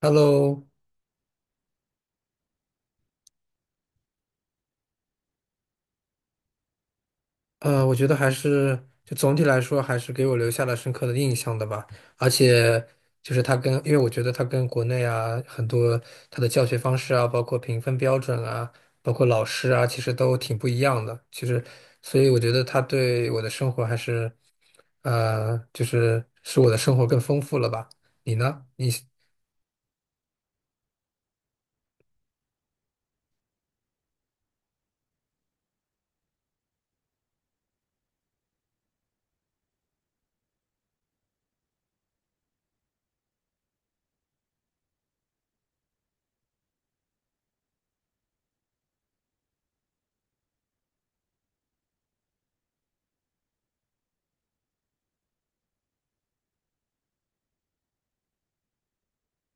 Hello，我觉得还是就总体来说，还是给我留下了深刻的印象的吧。而且就是他跟，因为我觉得他跟国内啊很多他的教学方式啊，包括评分标准啊，包括老师啊，其实都挺不一样的。其实，所以我觉得他对我的生活还是，就是使我的生活更丰富了吧。你呢？你，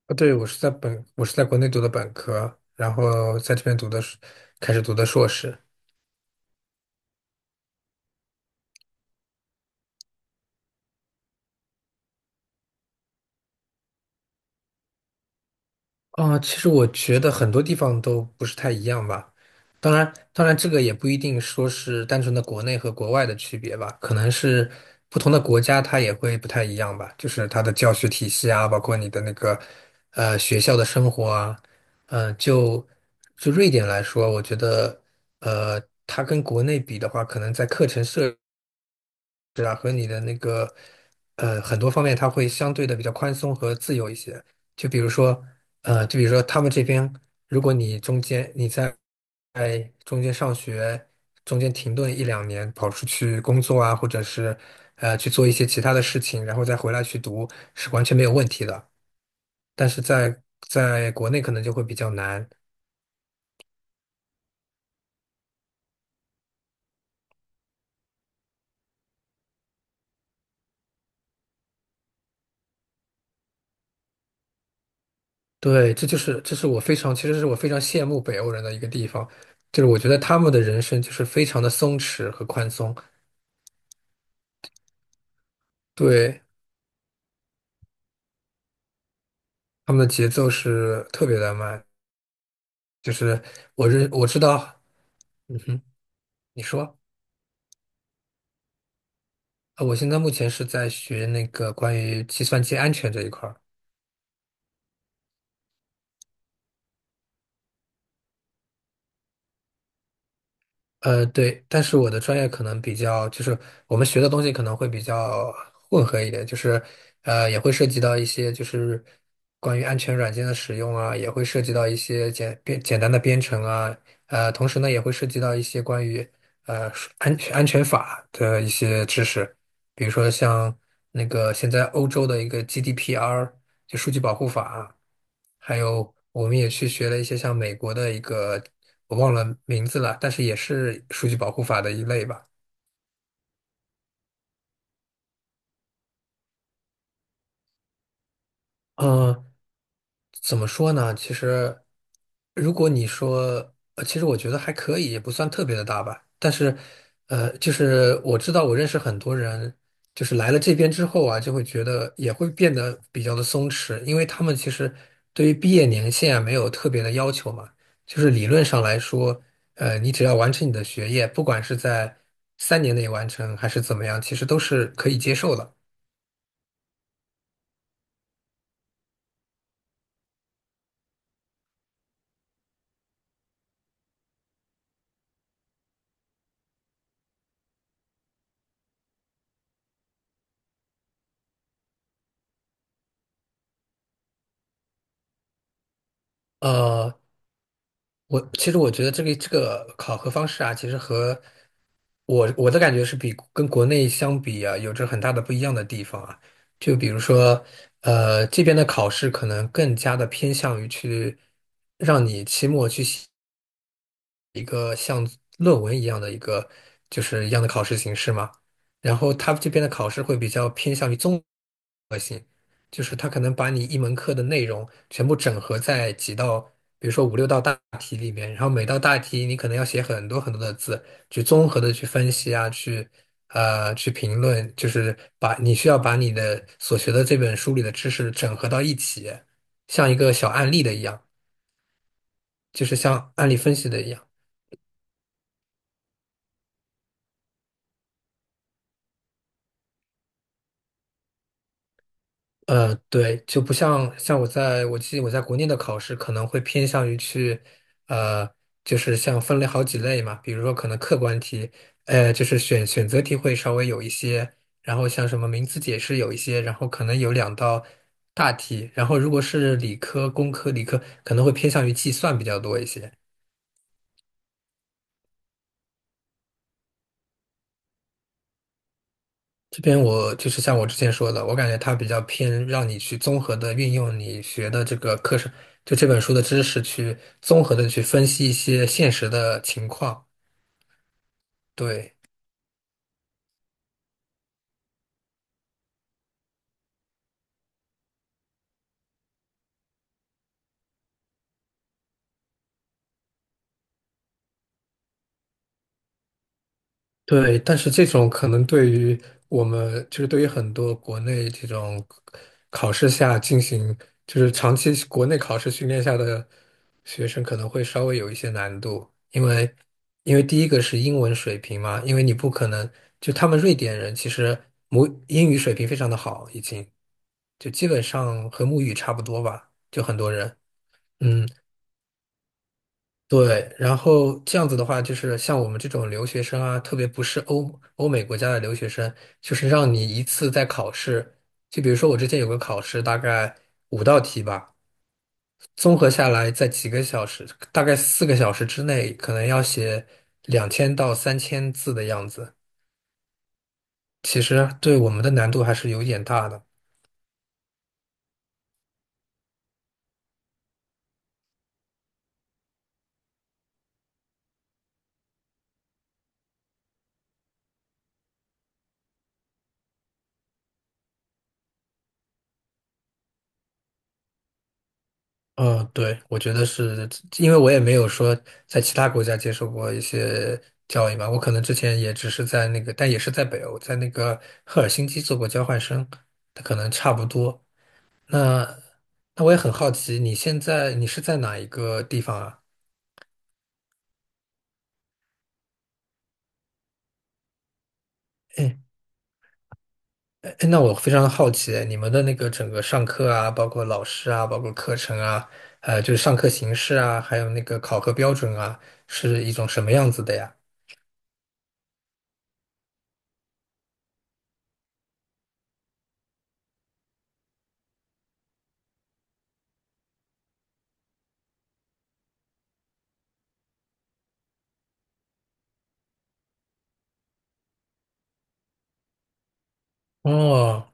对，我是在国内读的本科，然后在这边读的是，开始读的硕士。啊、其实我觉得很多地方都不是太一样吧。当然，这个也不一定说是单纯的国内和国外的区别吧，可能是不同的国家它也会不太一样吧，就是它的教学体系啊，包括你的那个学校的生活啊，嗯、就就瑞典来说，我觉得它跟国内比的话，可能在课程设。是啊，和你的那个很多方面，它会相对的比较宽松和自由一些。就比如说，他们这边，如果你中间你在中间上学，中间停顿一两年，跑出去工作啊，或者是去做一些其他的事情，然后再回来去读，是完全没有问题的。但是在国内可能就会比较难。对，这就是这是我非常，其实是我非常羡慕北欧人的一个地方，就是我觉得他们的人生就是非常的松弛和宽松，对，他们的节奏是特别的慢，就是我知道，嗯哼，你说啊，我现在目前是在学那个关于计算机安全这一块儿。对，但是我的专业可能比较，就是我们学的东西可能会比较混合一点，就是也会涉及到一些就是关于安全软件的使用啊，也会涉及到一些简单的编程啊，同时呢也会涉及到一些关于呃安全法的一些知识，比如说像那个现在欧洲的一个 GDPR。就数据保护法，还有我们也去学了一些像美国的一个我忘了名字了，但是也是数据保护法的一类吧。嗯，怎么说呢？其实，如果你说，其实我觉得还可以，也不算特别的大吧。但是，就是我知道我认识很多人，就是来了这边之后啊，就会觉得也会变得比较的松弛，因为他们其实对于毕业年限啊没有特别的要求嘛。就是理论上来说，你只要完成你的学业，不管是在三年内完成还是怎么样，其实都是可以接受的。呃，我其实我觉得这个这个考核方式啊，其实和我的感觉是比跟国内相比啊，有着很大的不一样的地方啊。就比如说，这边的考试可能更加的偏向于去让你期末去写一个像论文一样的一个就是一样的考试形式嘛。然后他这边的考试会比较偏向于综。就是它可能把你一门课的内容全部整合在几道，比如说五六道大题里面，然后每道大题你可能要写很多很多的字，去综合的去分析啊，去去评论，就是把你需要把你的所学的这本书里的知识整合到一起，像一个小案例的一样，就是像案例分析的一样。对，就不像我在我记得我在国内的考试可能会偏向于去，呃，就是像分类好几类嘛，比如说可能客观题，就是选择题会稍微有一些，然后像什么名词解释有一些，然后可能有两道大题，然后如果是理科、工科、理科可能会偏向于计算比较多一些。这边我就是像我之前说的，我感觉它比较偏让你去综合的运用你学的这个课程，就这本书的知识去综合的去分析一些现实的情况。对。对，但是这种可能对于我们，就是对于很多国内这种考试下进行，就是长期国内考试训练下的学生，可能会稍微有一些难度，因为第一个是英文水平嘛，因为你不可能就他们瑞典人其实母英语水平非常的好，已经就基本上和母语差不多吧，就很多人，嗯，对，然后这样子的话，就是像我们这种留学生啊，特别不是欧美国家的留学生，就是让你一次在考试，就比如说我之前有个考试，大概五道题吧，综合下来在几个小时，大概四个小时之内，可能要写两千到三千字的样子，其实对我们的难度还是有点大的。嗯，对，我觉得是因为我也没有说在其他国家接受过一些教育嘛，我可能之前也只是在那个，但也是在北欧，在那个赫尔辛基做过交换生，它可能差不多。那那我也很好奇，你现在你是在哪一个地方啊？哎哎，那我非常好奇，你们的那个整个上课啊，包括老师啊，包括课程啊，就是上课形式啊，还有那个考核标准啊，是一种什么样子的呀？哦，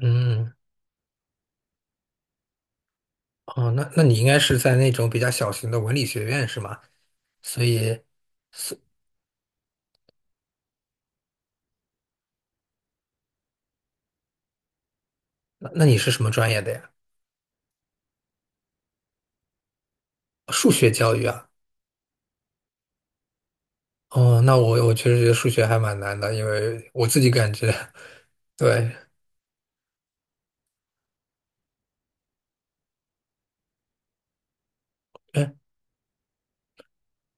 嗯。哦，那你应该是在那种比较小型的文理学院是吗？所以，那你是什么专业的呀？数学教育啊？哦，那我确实觉得数学还蛮难的，因为我自己感觉 对。哎，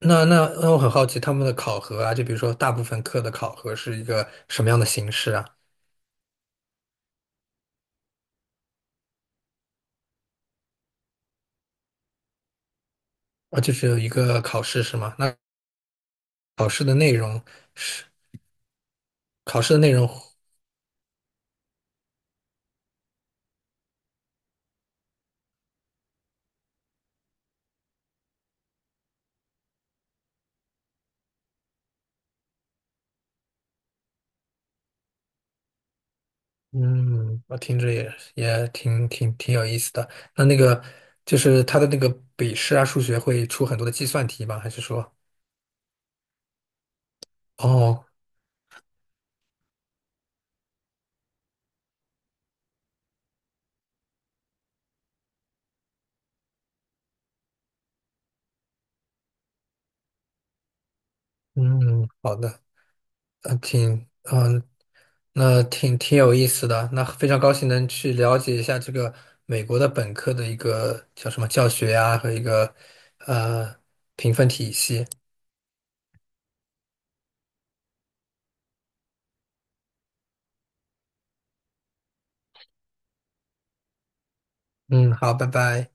那我很好奇他们的考核啊，就比如说大部分课的考核是一个什么样的形式啊？啊，就只有一个考试是吗？那考试的内容是考试的内容。嗯，我听着也挺有意思的。那那个就是他的那个笔试啊，数学会出很多的计算题吧？还是说，哦，嗯，好的，呃挺，嗯，那挺有意思的。那非常高兴能去了解一下这个美国的本科的一个叫什么教学呀、和一个呃评分体系。嗯，好，拜拜。